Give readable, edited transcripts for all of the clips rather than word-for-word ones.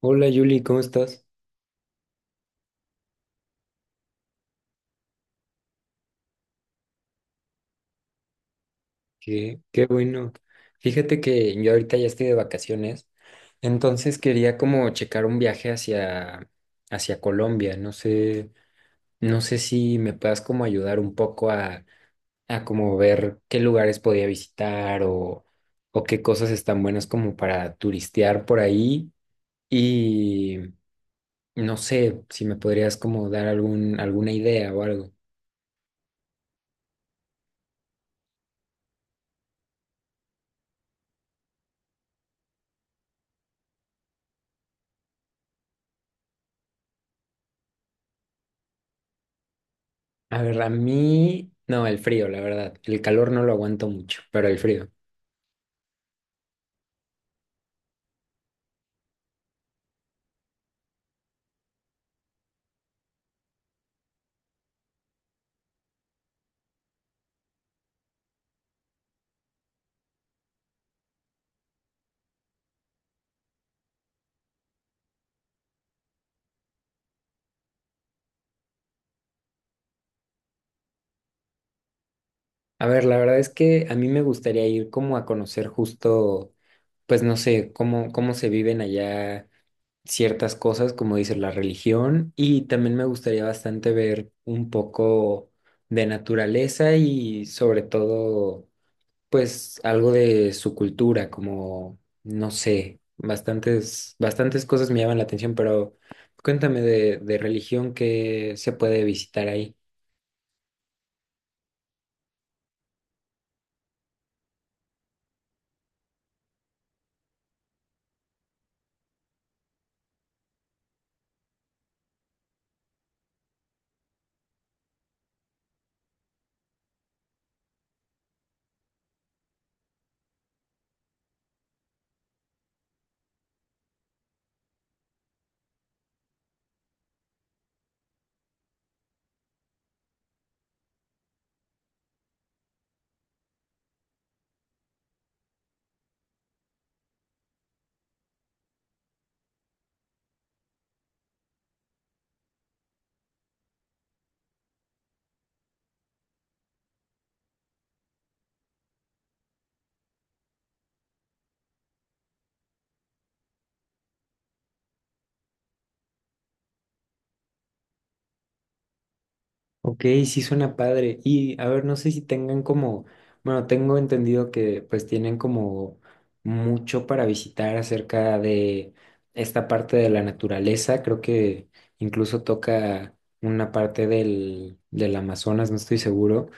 Hola Yuli, ¿cómo estás? Qué bueno. Fíjate que yo ahorita ya estoy de vacaciones, entonces quería como checar un viaje hacia Colombia. No sé si me puedas como ayudar un poco a como ver qué lugares podía visitar o qué cosas están buenas como para turistear por ahí. Y no sé si me podrías como dar alguna idea o algo. A ver, a mí, no, el frío, la verdad. El calor no lo aguanto mucho, pero el frío. A ver, la verdad es que a mí me gustaría ir como a conocer justo, pues no sé, cómo se viven allá ciertas cosas, como dice la religión, y también me gustaría bastante ver un poco de naturaleza y sobre todo pues algo de su cultura, como, no sé, bastantes cosas me llaman la atención, pero cuéntame de religión que se puede visitar ahí. Ok, sí suena padre. Y a ver, no sé si tengan como, bueno, tengo entendido que pues tienen como mucho para visitar acerca de esta parte de la naturaleza. Creo que incluso toca una parte del Amazonas, no estoy seguro.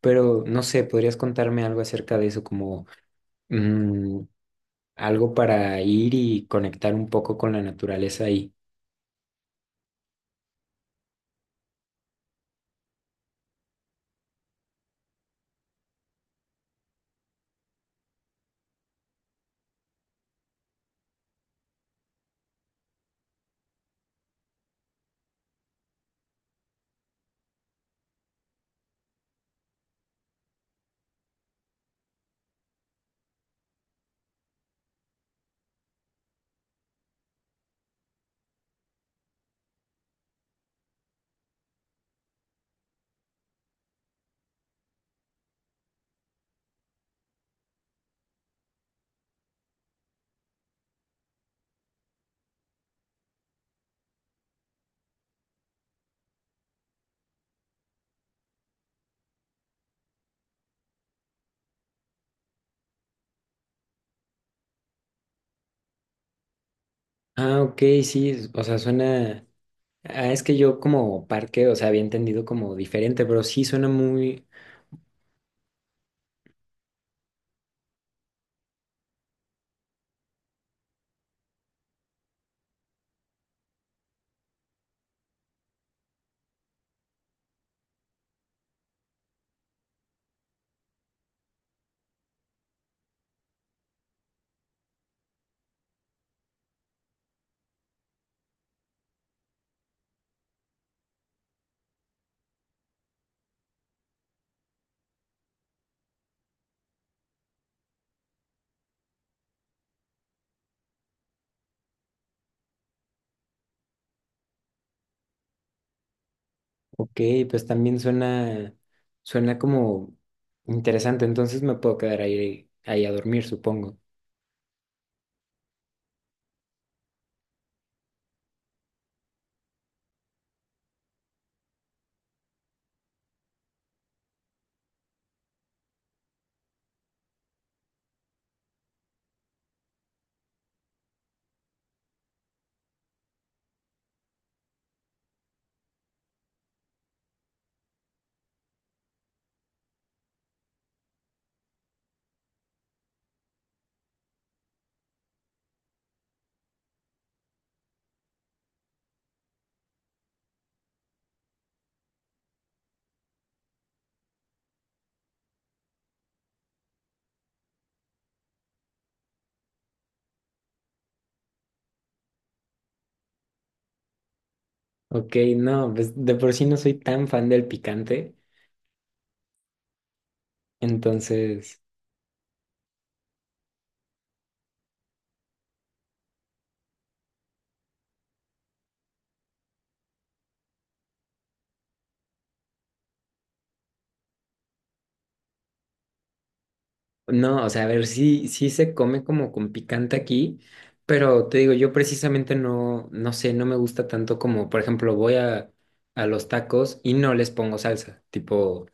Pero no sé, ¿podrías contarme algo acerca de eso, como mm, algo para ir y conectar un poco con la naturaleza ahí? Ah, ok, sí, o sea, suena. Ah, es que yo como parque, o sea, había entendido como diferente, pero sí suena muy. Ok, pues también suena, suena como interesante, entonces me puedo quedar ahí, ahí a dormir, supongo. Ok, no, pues de por sí no soy tan fan del picante, entonces, no, o sea, a ver, sí, sí se come como con picante aquí, pero te digo, yo precisamente no, no sé, no me gusta tanto como, por ejemplo, voy a los tacos y no les pongo salsa, tipo.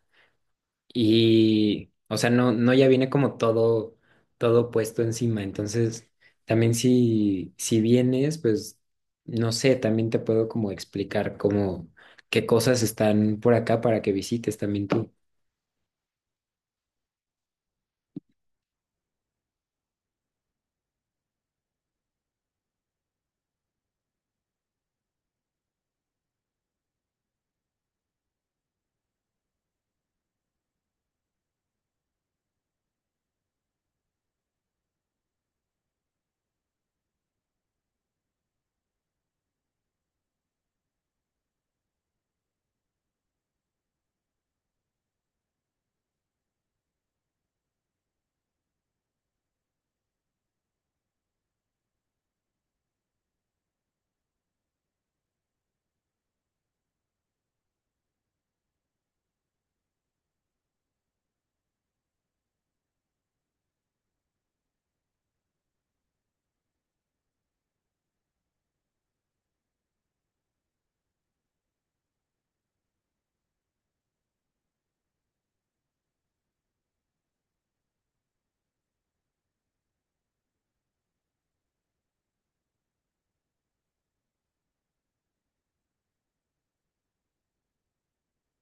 Y, o sea, no, no ya viene como todo, todo puesto encima. Entonces, también si vienes, pues, no sé, también te puedo como explicar como qué cosas están por acá para que visites también tú.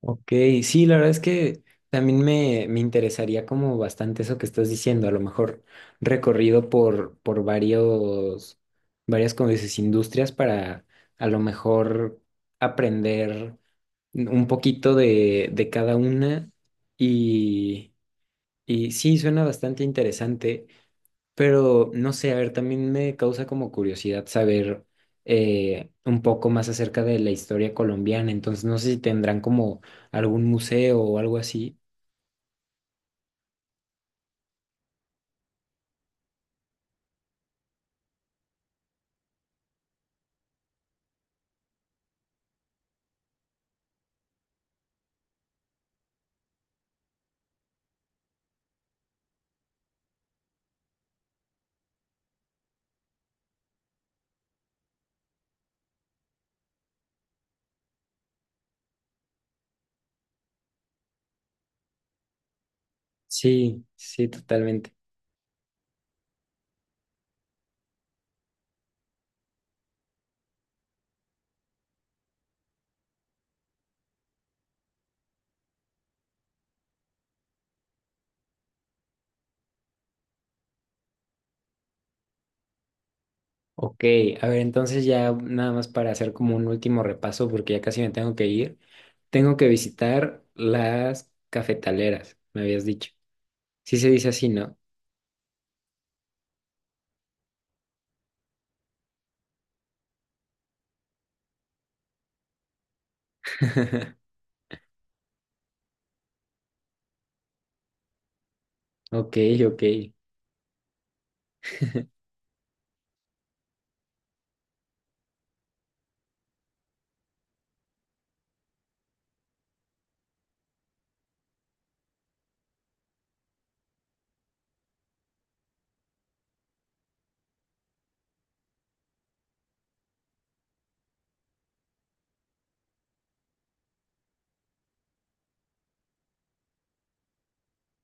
Ok, sí, la verdad es que también me interesaría como bastante eso que estás diciendo, a lo mejor recorrido por varios, varias, como dices, industrias para a lo mejor aprender un poquito de cada una y, y sí, suena bastante interesante, pero no sé, a ver, también me causa como curiosidad saber un poco más acerca de la historia colombiana, entonces no sé si tendrán como algún museo o algo así. Sí, sí, totalmente. Ok, a ver, entonces ya nada más para hacer como un último repaso, porque ya casi me tengo que ir, tengo que visitar las cafetaleras, me habías dicho. Sí se dice así, ¿no? Ok, ok,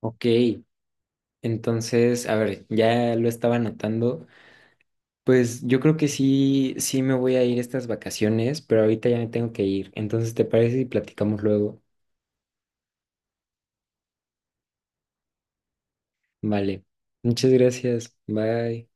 ok. Entonces, a ver, ya lo estaba anotando. Pues yo creo que sí, sí me voy a ir estas vacaciones, pero ahorita ya me tengo que ir. Entonces, ¿te parece si platicamos luego? Vale. Muchas gracias. Bye.